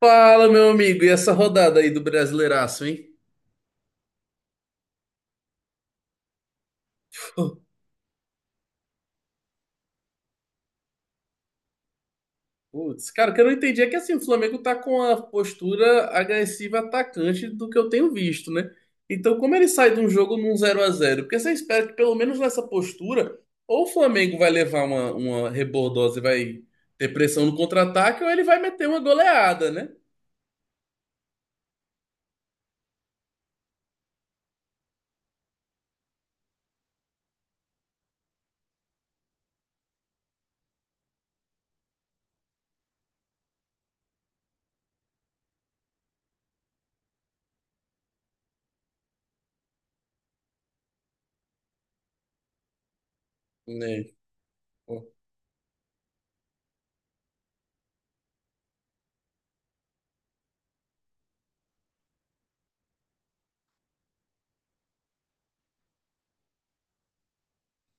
Fala, meu amigo, e essa rodada aí do Brasileiraço, hein? Putz, cara, o que eu não entendi é que assim, o Flamengo tá com a postura agressiva atacante do que eu tenho visto, né? Então, como ele sai de um jogo num 0-0? Porque você espera que pelo menos nessa postura, ou o Flamengo vai levar uma rebordosa e vai ter pressão no contra-ataque, ou ele vai meter uma goleada, né? É, pô.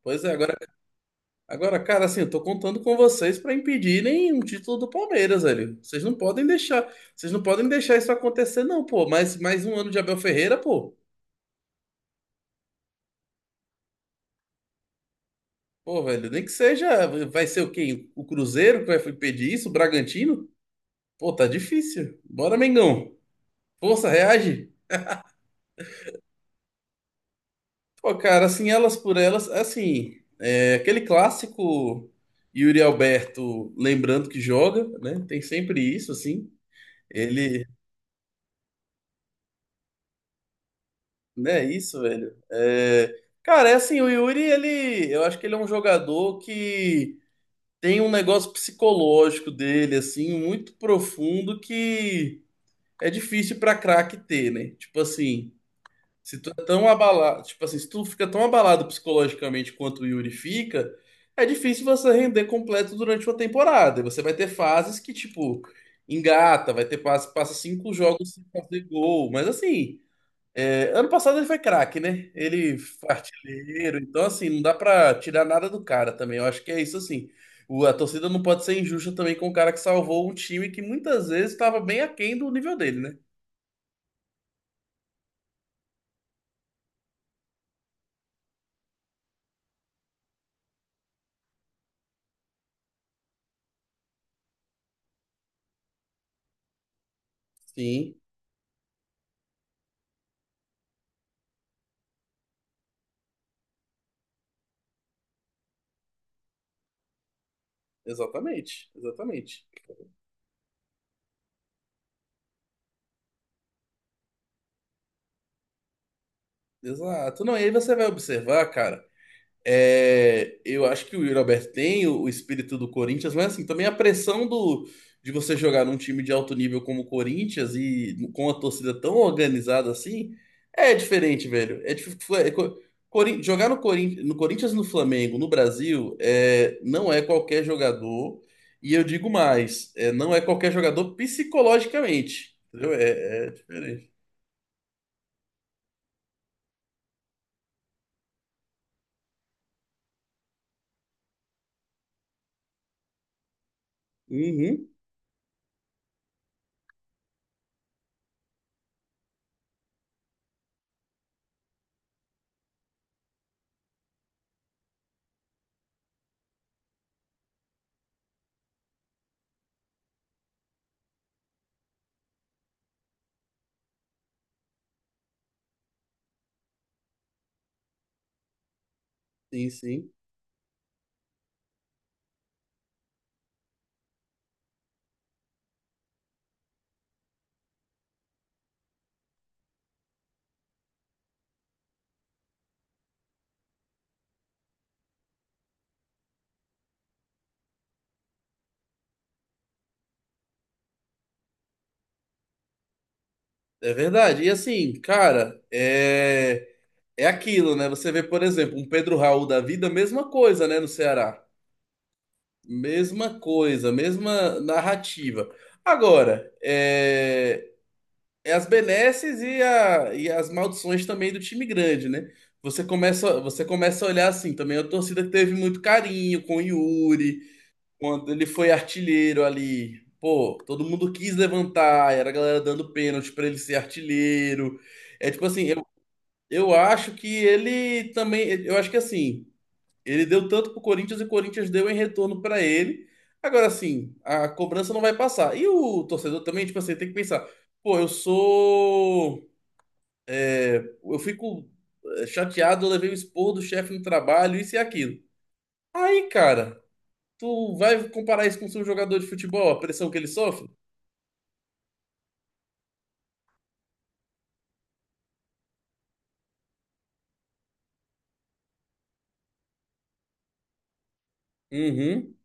Pois é, agora. Agora, cara, assim, eu tô contando com vocês para impedirem um título do Palmeiras, velho. Vocês não podem deixar, vocês não podem deixar isso acontecer, não, pô. Mais um ano de Abel Ferreira, pô. Pô, velho, nem que seja, vai ser o quê? O Cruzeiro que vai impedir isso? O Bragantino? Pô, tá difícil. Bora, Mengão. Força, reage. Pô, cara, assim, elas por elas, assim, é, aquele clássico Yuri Alberto lembrando que joga, né? Tem sempre isso, assim. Ele, Não é isso, velho. É, cara, é assim, o Yuri, ele, eu acho que ele é um jogador que tem um negócio psicológico dele, assim, muito profundo que é difícil pra craque ter, né? Tipo assim, se tu é tão abalado, tipo assim, se tu fica tão abalado psicologicamente quanto o Yuri fica, é difícil você render completo durante uma temporada. E você vai ter fases que, tipo, engata, vai ter fase que passa cinco jogos sem fazer gol, mas assim. É, ano passado ele foi craque, né? Ele foi artilheiro, então assim, não dá pra tirar nada do cara também. Eu acho que é isso assim. A torcida não pode ser injusta também com o cara que salvou um time que muitas vezes estava bem aquém do nível dele, né? Sim, exatamente, exatamente. Exato. Não, e aí você vai observar, cara. É, eu acho que o Yuri Alberto tem o espírito do Corinthians, mas assim, também a pressão de você jogar num time de alto nível como o Corinthians e com a torcida tão organizada assim, é diferente, velho. Jogar no, no Corinthians e no Flamengo, no Brasil, é, não é qualquer jogador, e eu digo mais, é, não é qualquer jogador psicologicamente, entendeu? É diferente. Uhum, sim, sim. É verdade. E assim, cara, é. É aquilo, né? Você vê, por exemplo, um Pedro Raul da vida, mesma coisa, né, no Ceará. Mesma coisa, mesma narrativa. Agora, é, é as benesses e, e as maldições também do time grande, né? Você começa a olhar assim também. A torcida que teve muito carinho com o Yuri, quando ele foi artilheiro ali. Pô, todo mundo quis levantar, era a galera dando pênalti pra ele ser artilheiro. É tipo assim, eu acho que ele também. Eu acho que assim, ele deu tanto pro Corinthians e o Corinthians deu em retorno para ele. Agora, assim, a cobrança não vai passar. E o torcedor também, tipo assim, tem que pensar: pô, eu sou. É, eu fico é, chateado, eu levei o expor do chefe no trabalho, isso e aquilo. Aí, cara, tu vai comparar isso com o seu jogador de futebol, a pressão que ele sofre? Uhum.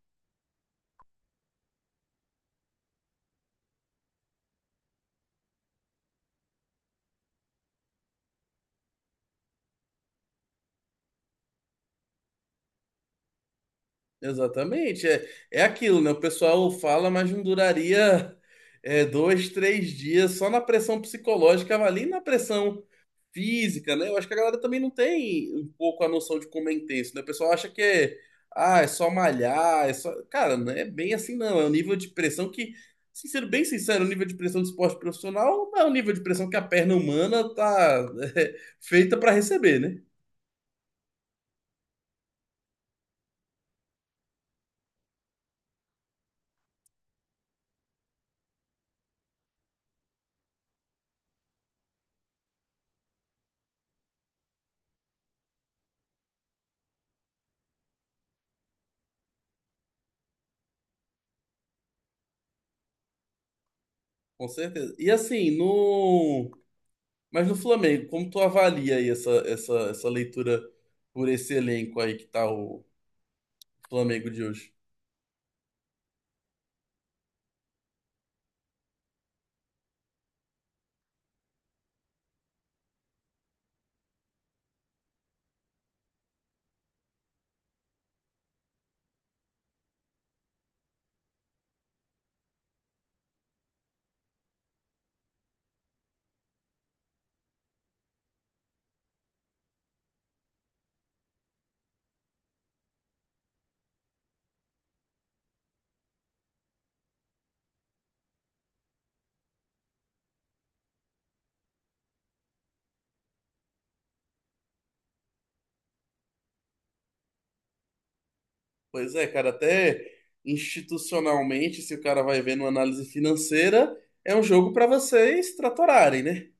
Exatamente. É, é aquilo, né? O pessoal fala, mas não duraria é, dois, três dias só na pressão psicológica, mas ali na pressão física, né? Eu acho que a galera também não tem um pouco a noção de como é intenso, né? O pessoal acha que é, ah, é só malhar, é só. Cara, não é bem assim, não. É um nível de pressão que, assim, sendo bem sincero, o nível de pressão do esporte profissional não é o nível de pressão que a perna humana tá feita para receber, né? Com certeza. E assim, no. Mas no Flamengo, como tu avalia aí essa leitura por esse elenco aí que tá o Flamengo de hoje? Pois é, cara, até institucionalmente, se o cara vai ver numa análise financeira, é um jogo pra vocês tratorarem, né?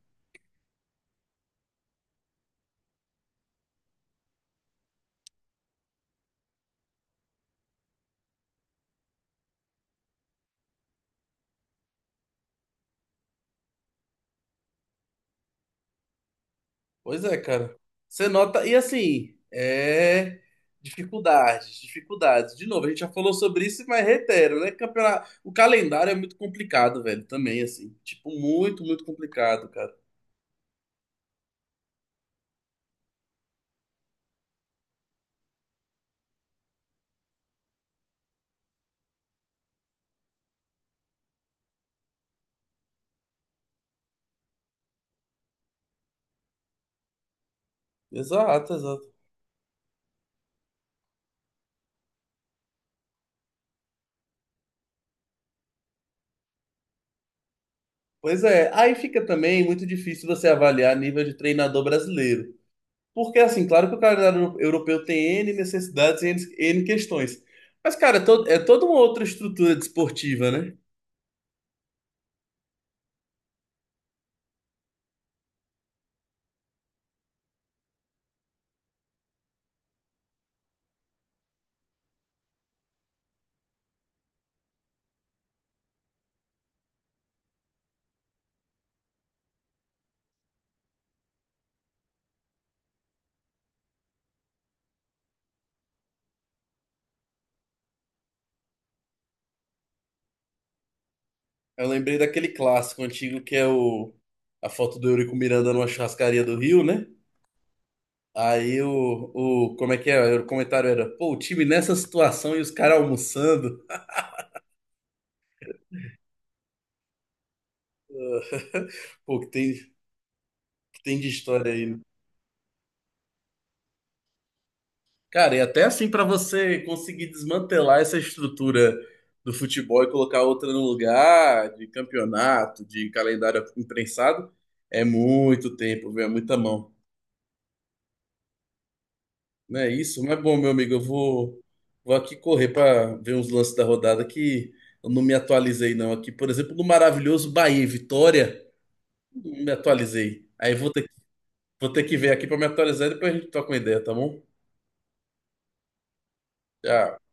Pois é, cara. Você nota, e assim, é dificuldades, dificuldades. De novo, a gente já falou sobre isso, mas reitero, né? Campeonato. O calendário é muito complicado, velho, também, assim. Tipo, muito, muito complicado, cara. Exato, exato. Pois é, aí fica também muito difícil você avaliar nível de treinador brasileiro. Porque, assim, claro que o calendário europeu tem N necessidades e N questões. Mas, cara, é, é toda uma outra estrutura desportiva, né? Eu lembrei daquele clássico antigo que é o, a foto do Eurico Miranda numa churrascaria do Rio, né? Aí o, como é que é? O comentário era, pô, o time nessa situação e os caras almoçando. Pô, que tem de história aí, né? Cara, e até assim para você conseguir desmantelar essa estrutura do futebol e colocar outra no lugar, de campeonato, de calendário imprensado, é muito tempo, viu? É muita mão. Não é isso? Mas bom, meu amigo, eu vou, vou aqui correr para ver uns lances da rodada que eu não me atualizei não aqui. Por exemplo, no maravilhoso Bahia e Vitória, não me atualizei. Aí vou ter, vou ter que ver aqui para me atualizar e depois a gente toca uma ideia, tá bom? Tchau.